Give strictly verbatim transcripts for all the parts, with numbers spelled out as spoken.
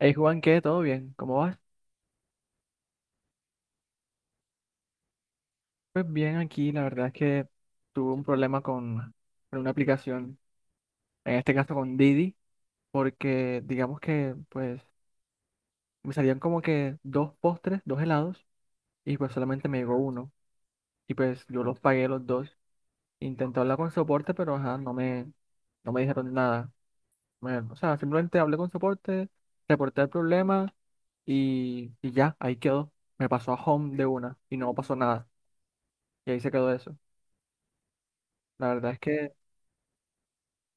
Hey Juan, ¿qué? ¿Todo bien? ¿Cómo vas? Pues bien, aquí la verdad es que tuve un problema con, con una aplicación, en este caso con Didi, porque digamos que pues me salían como que dos postres, dos helados, y pues solamente me llegó uno, y pues yo los pagué los dos. Intenté hablar con soporte, pero ajá, no me, no me dijeron nada. Me- o sea, simplemente hablé con soporte, reporté el problema y, y ya, ahí quedó. Me pasó a Home de una y no pasó nada, y ahí se quedó eso. La verdad es que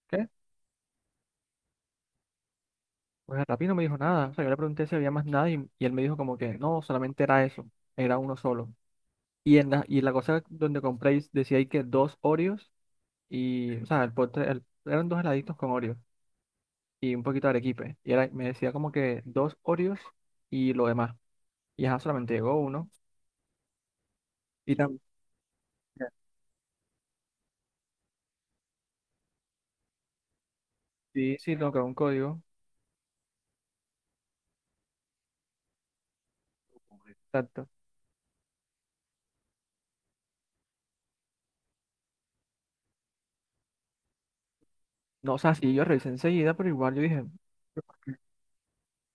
¿qué? Pues el Rappi no me dijo nada. O sea, yo le pregunté si había más nada y, y él me dijo como que no, solamente era eso, era uno solo. Y en la, y la cosa donde compré decía ahí que dos Oreos y, o sea, el postre- el- eran dos heladitos con Oreos y un poquito de arequipe. Y era, me decía como que dos Oreos y lo demás. Y ajá, solamente llegó uno. Y también, sí, sí, tengo que un código. Exacto. No, o sea, sí, yo revisé enseguida, pero igual yo dije, ¿por qué?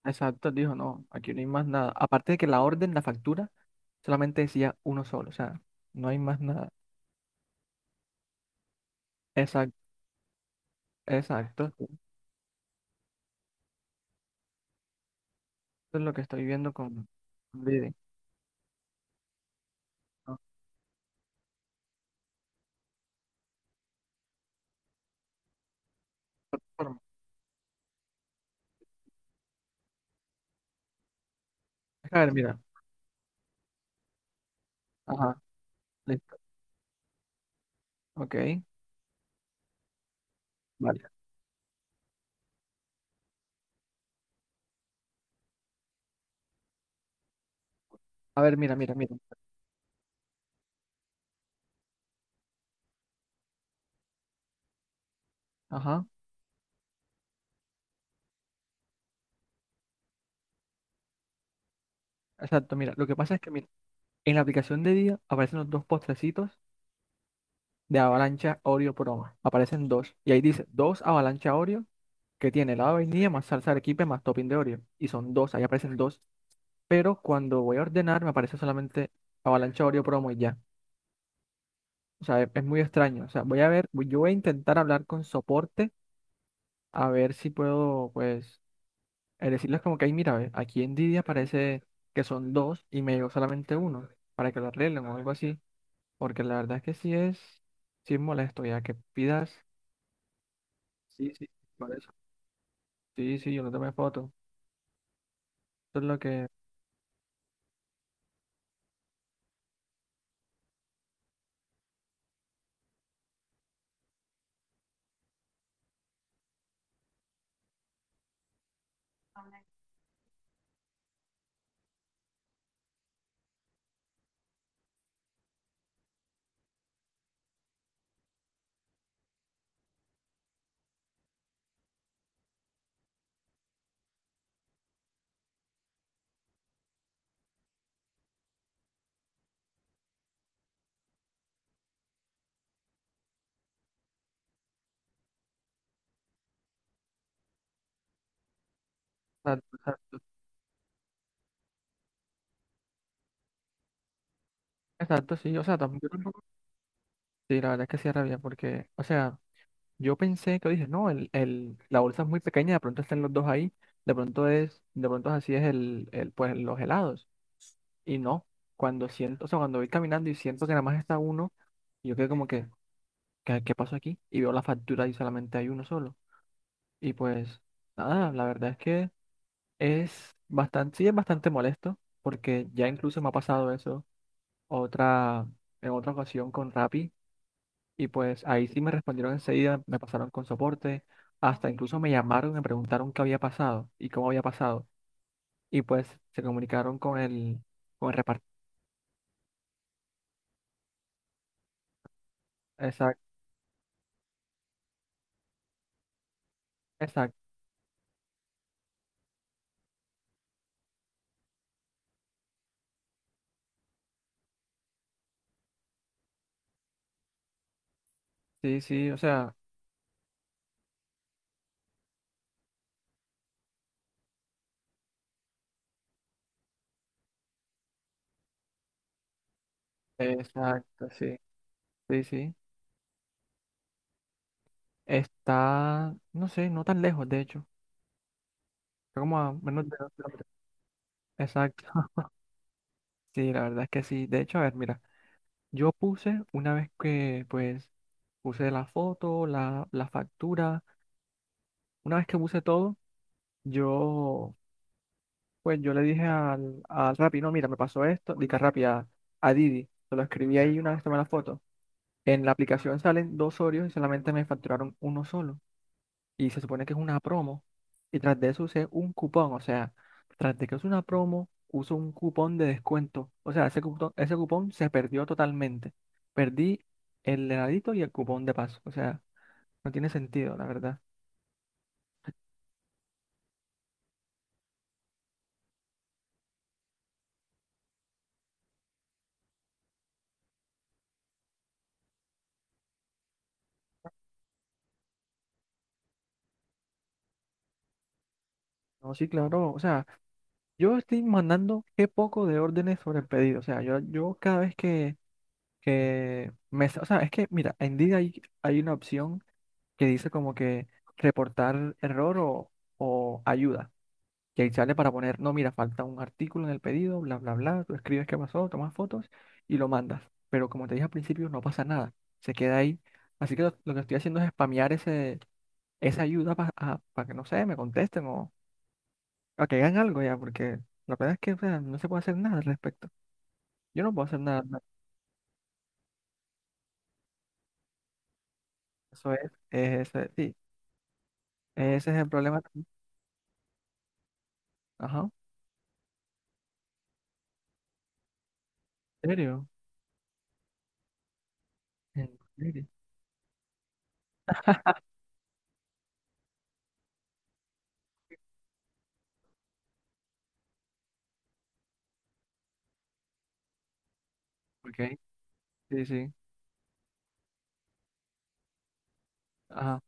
Exacto, él dijo, no, aquí no hay más nada. Aparte de que la orden, la factura solamente decía uno solo, o sea, no hay más nada. Exacto, exacto. Eso es lo que estoy viendo con Reading. ¿No? Forma. A ver, mira. Ajá, listo. Ok, vale. A ver, mira, mira, mira. Ajá, exacto, mira. Lo que pasa es que, mira, en la aplicación de día aparecen los dos postrecitos de Avalancha Oreo Promo. Aparecen dos. Y ahí dice, dos Avalancha Oreo que tiene helado de vainilla más salsa de arequipe más topping de Oreo. Y son dos, ahí aparecen dos. Pero cuando voy a ordenar me aparece solamente Avalancha Oreo Promo y ya. O sea, es, es muy extraño. O sea, voy a ver, voy- yo voy a intentar hablar con soporte a ver si puedo, pues, eh, decirles como que, ay, mira, ve, aquí en Didi parece que son dos y me llegó solamente uno para que lo arreglen o algo así. Porque la verdad es que sí es, sí es molesto ya que pidas. Sí, sí, por eso. Sí, sí, yo no tomé foto. Eso es lo que... Exacto, exacto, exacto, sí. O sea, tampoco, tampoco. Sí, la verdad es que sí rabia porque, o sea, yo pensé que dije, no, el, el, la bolsa es muy pequeña, de pronto están los dos ahí, de pronto es, de pronto así es el, el, pues los helados. Y no, cuando siento, o sea, cuando voy caminando y siento que nada más está uno, yo quedo como que, ¿qué, ¿qué pasó aquí? Y veo la factura y solamente hay uno solo. Y pues, nada, la verdad es que es bastante, sí es bastante molesto, porque ya incluso me ha pasado eso otra, en otra ocasión con Rappi. Y pues ahí sí me respondieron enseguida, me pasaron con soporte, hasta incluso me llamaron y me preguntaron qué había pasado y cómo había pasado. Y pues se comunicaron con el, con el reparto. Exacto, exacto, sí, sí, o sea, exacto, sí, sí, sí. Está, no sé, no tan lejos, de hecho. Está como a menos de dos kilómetros. Exacto, sí, la verdad es que sí. De hecho, a ver, mira, yo puse una vez que, pues, puse la foto, la, la factura, una vez que puse todo, yo... Pues yo le dije al, al Rappi, no, mira, me pasó esto, dije a Rappi, a, a Didi, se lo escribí ahí una vez tomé la foto. En la aplicación salen dos Oreos y solamente me facturaron uno solo. Y se supone que es una promo. Y tras de eso usé un cupón, o sea, tras de que es una promo, uso un cupón de descuento. O sea, ese cupón, ese cupón se perdió totalmente. Perdí el heladito y el cupón de paso. O sea, no tiene sentido, la verdad. No, sí, claro, o sea, yo estoy mandando qué poco de órdenes sobre el pedido. O sea, yo, yo cada vez que, que me... O sea, es que, mira, en Didi hay, hay una opción que dice como que reportar error o, o ayuda. Y ahí sale para poner, no, mira, falta un artículo en el pedido, bla, bla, bla. Tú escribes qué pasó, tomas fotos y lo mandas. Pero como te dije al principio, no pasa nada. Se queda ahí. Así que lo, lo que estoy haciendo es spamear ese, esa ayuda para que, no sé, me contesten o a que hagan algo ya, porque la verdad es que o sea, no se puede hacer nada al respecto. Yo no puedo hacer nada al respecto. Eso es, es- eso es- sí, ese es el problema también. Ajá, ¿en serio? ¿En serio? Ok, sí, sí, ajá,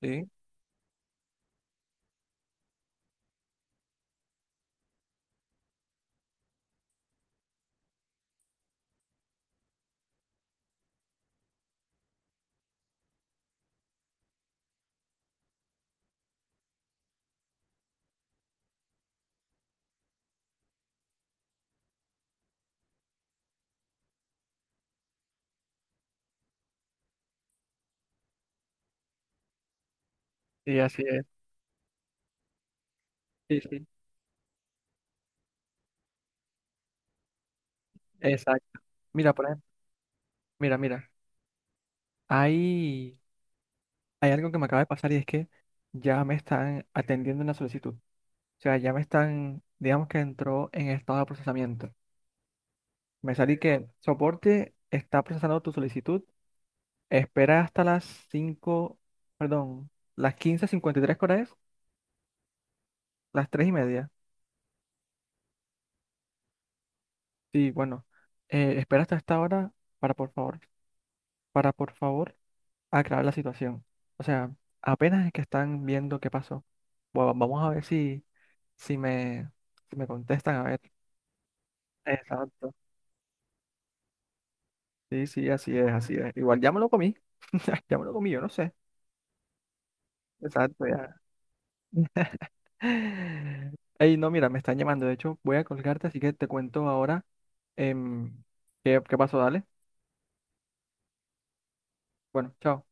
sí, sí, así es, sí, sí, exacto. Mira, por ejemplo, mira, mira, hay, hay algo que me acaba de pasar y es que ya me están atendiendo una solicitud. O sea, ya me están, digamos que entró en estado de procesamiento. Me salí que soporte está procesando tu solicitud. Espera hasta las cinco, perdón, las quince cincuenta y tres, ¿cuál es? Las tres y media. Sí, bueno, eh, espera hasta esta hora para por favor, para por favor aclarar la situación. O sea, apenas es que están viendo qué pasó. Bueno, vamos a ver si, si me, si me contestan, a ver. Exacto. Sí, sí, así es, así es. Igual ya me lo comí. Ya me lo comí, yo no sé. Exacto, ya. Ey, no, mira, me están llamando. De hecho, voy a colgarte, así que te cuento ahora em, qué, qué pasó. Dale. Bueno, chao.